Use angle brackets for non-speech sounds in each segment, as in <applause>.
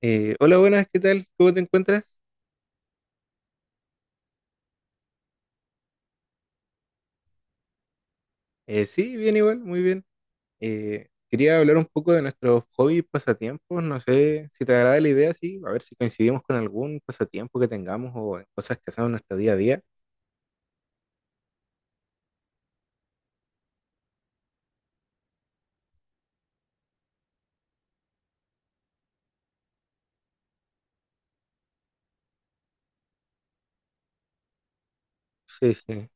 Hola, buenas, ¿qué tal? ¿Cómo te encuentras? Sí, bien igual, muy bien. Quería hablar un poco de nuestros hobbies, pasatiempos. No sé si te agrada la idea, sí. A ver si coincidimos con algún pasatiempo que tengamos o en cosas que hacemos en nuestro día a día. Sí, sí,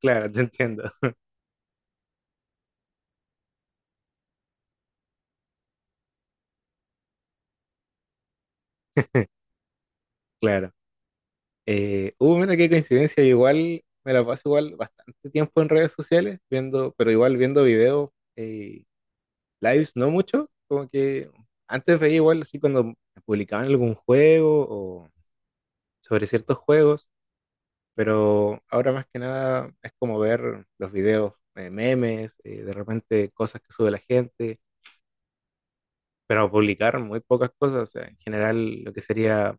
claro, te entiendo, claro. Mira qué coincidencia, yo igual me la paso igual bastante tiempo en redes sociales, viendo, pero igual viendo videos, eh, lives no mucho, como que antes veía igual así cuando publicaban algún juego sobre ciertos juegos, pero ahora más que nada es como ver los videos, memes, de repente cosas que sube la gente, pero publicar muy pocas cosas, o sea, en general lo que sería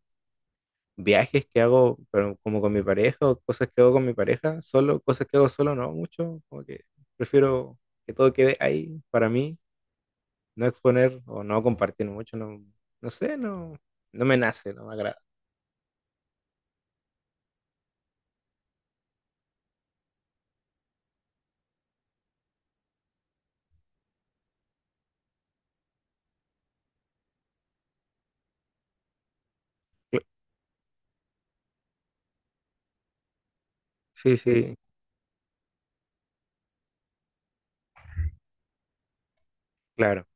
viajes que hago, pero como con mi pareja, o cosas que hago con mi pareja, solo, cosas que hago solo no mucho, como que prefiero que todo quede ahí para mí, no exponer o no compartir mucho, no, no sé, no, no me nace, no me agrada. Cl- Sí, sí, claro.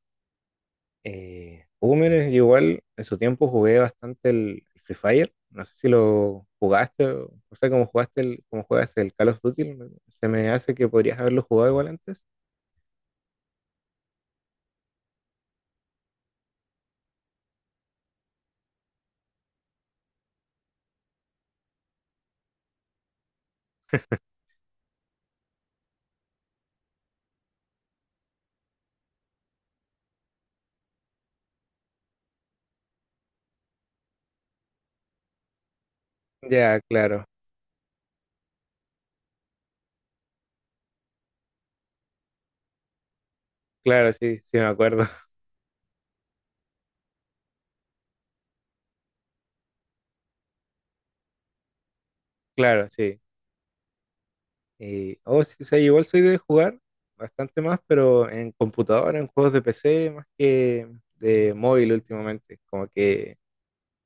Mire, yo igual en su tiempo jugué bastante el Free Fire. No sé si lo jugaste, o no sé cómo jugaste el, cómo juegas el Call of Duty. Se me hace que podrías haberlo jugado igual antes. Ya, claro, claro, sí, sí me acuerdo. <laughs> Claro, sí. Y, sí, sí, igual soy de jugar bastante más, pero en computadora, en juegos de PC, más que de móvil últimamente. Como que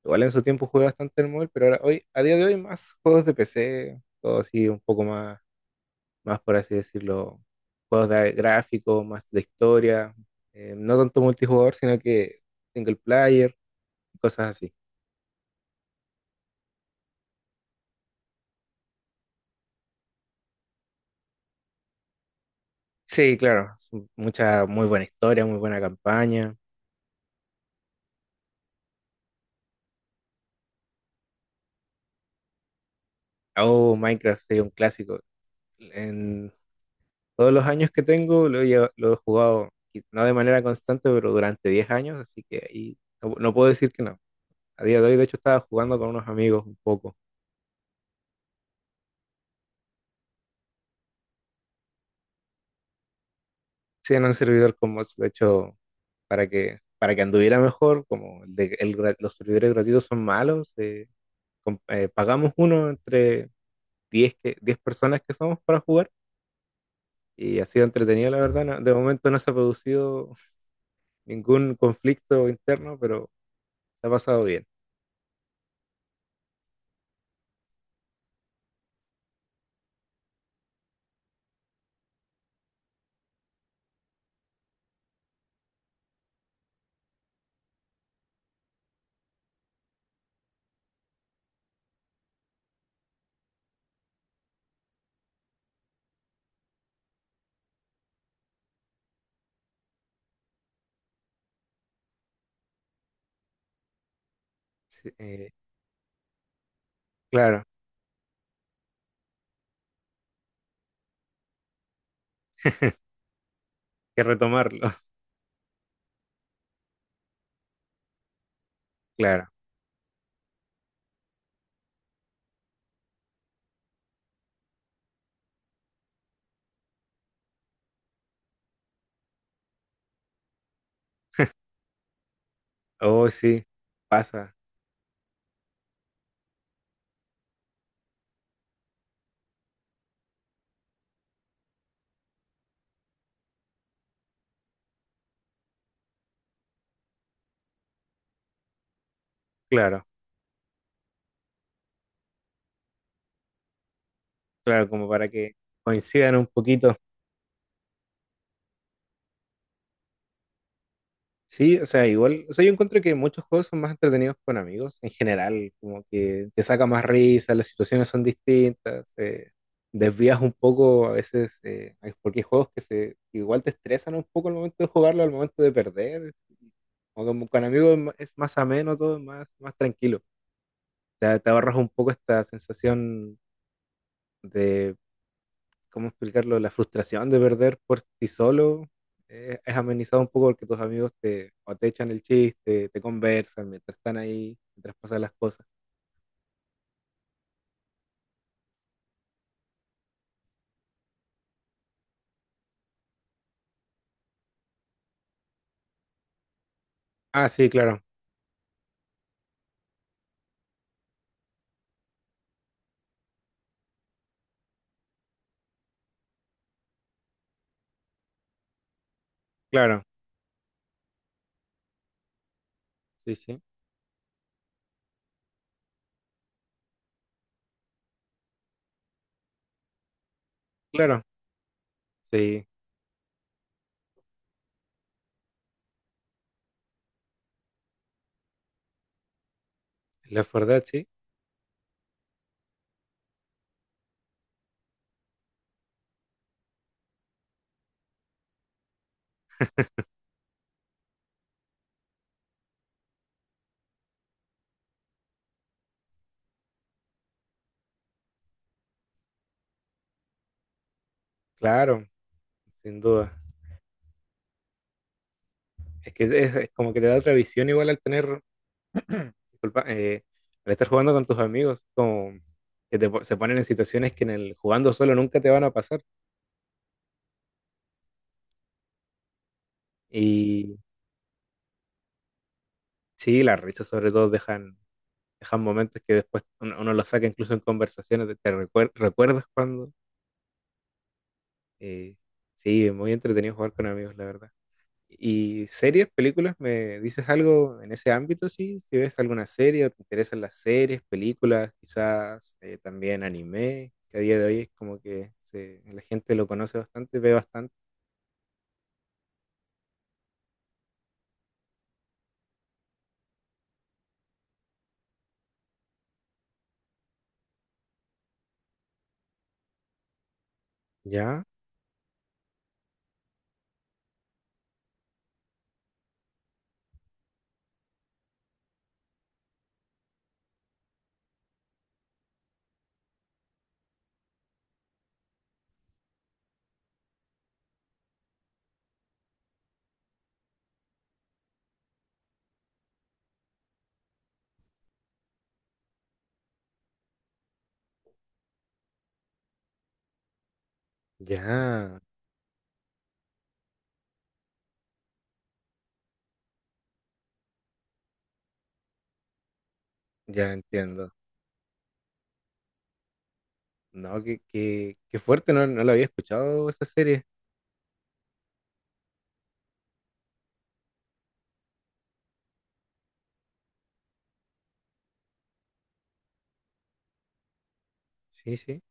igual en su tiempo jugué bastante el móvil, pero ahora hoy, a día de hoy, más juegos de PC, todo así un poco más más por así decirlo, juegos de gráficos, más de historia, no tanto multijugador, sino que single player, cosas así. Sí, claro, mucha, muy buena historia, muy buena campaña. Oh, Minecraft es un clásico. En todos los años que tengo lo he, lo he jugado, y no de manera constante, pero durante 10 años, así que ahí no, no puedo decir que no. A día de hoy, de hecho, estaba jugando con unos amigos un poco. Sí, en un servidor con mods, de hecho, para que anduviera mejor, como el de- el gra- los servidores gratuitos son malos, pagamos uno entre 10 personas que somos para jugar y ha sido entretenido, la verdad. De momento no se ha producido <laughs> ningún conflicto interno, pero se ha pasado bien. Sí, claro, hay que retomarlo, <laughs> claro. Oh, sí, pasa, claro, claro, como para que coincidan un poquito. Sí, o sea, igual, o sea, yo encuentro que muchos juegos son más entretenidos con amigos en general, como que te saca más risa, las situaciones son distintas, desvías un poco a veces, porque hay juegos que se igual te estresan un poco al momento de jugarlo, al momento de perder, o como con amigos es más ameno todo, es más, más tranquilo, te ahorras un poco esta sensación. ¿Cómo explicarlo? La frustración de perder por ti solo es amenizado un poco porque tus amigos te, o te echan el chiste, te conversan mientras están ahí, mientras pasan las cosas. Ah, sí, claro, claro, sí, sí, claro, sí, la verdad, sí, claro, sin duda. Es que es como que te da otra visión igual al tener, <clears throat> disculpa, al estar jugando con tus amigos, como que se ponen en situaciones que en el jugando solo nunca te van a pasar. Y sí, las risas sobre todo dejan dejan momentos que después uno, uno los saca incluso en conversaciones, recuerdas cuando... eh, sí, es muy entretenido jugar con amigos, la verdad. ¿Y series, películas? ¿Me dices algo en ese ámbito? Sí, si ves alguna serie o te interesan las series, películas, quizás también anime, que a día de hoy es como que la gente lo conoce bastante, ve bastante. Ya, ya, ya entiendo. No, qué, qué, qué fuerte, no, no lo había escuchado esa serie. Sí, sí.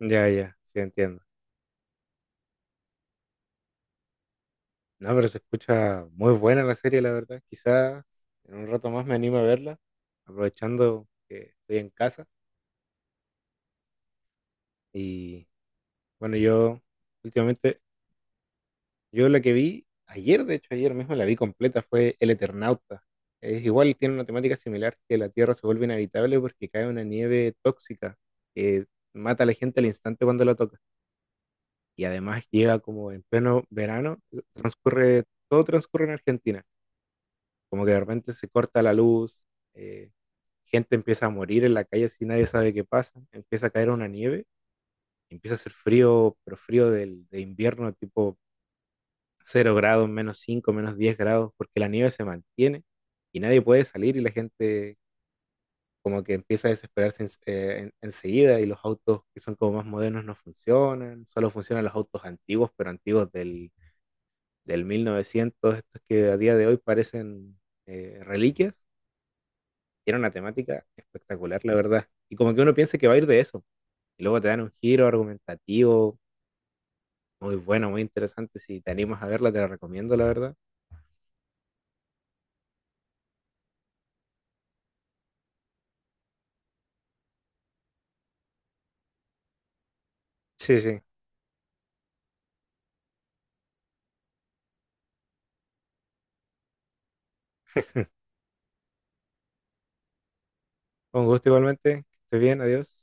Ya, ya, sí entiendo. No, pero se escucha muy buena la serie, la verdad. Quizás en un rato más me animo a verla, aprovechando que estoy en casa. Y bueno, yo últimamente, yo la que vi ayer, de hecho ayer mismo la vi completa, fue El Eternauta. Es igual, tiene una temática similar que la Tierra se vuelve inhabitable porque cae una nieve tóxica que mata a la gente al instante cuando la toca. Y además llega como en pleno verano, transcurre, todo transcurre en Argentina. Como que de repente se corta la luz, eh, gente empieza a morir en la calle si nadie sabe qué pasa, empieza a caer una nieve, empieza a hacer frío, pero frío del, de invierno, tipo 0 grados, -5, -10 grados, porque la nieve se mantiene y nadie puede salir y la gente como que empieza a desesperarse enseguida y los autos que son como más modernos no funcionan, solo funcionan los autos antiguos, pero antiguos del, del 1900, estos que a día de hoy parecen reliquias, era una temática espectacular, la verdad. Y como que uno piensa que va a ir de eso. Y luego te dan un giro argumentativo muy bueno, muy interesante. Si te animas a verla, te la recomiendo, la verdad. Sí, sí. Con gusto igualmente. Que estés bien, adiós.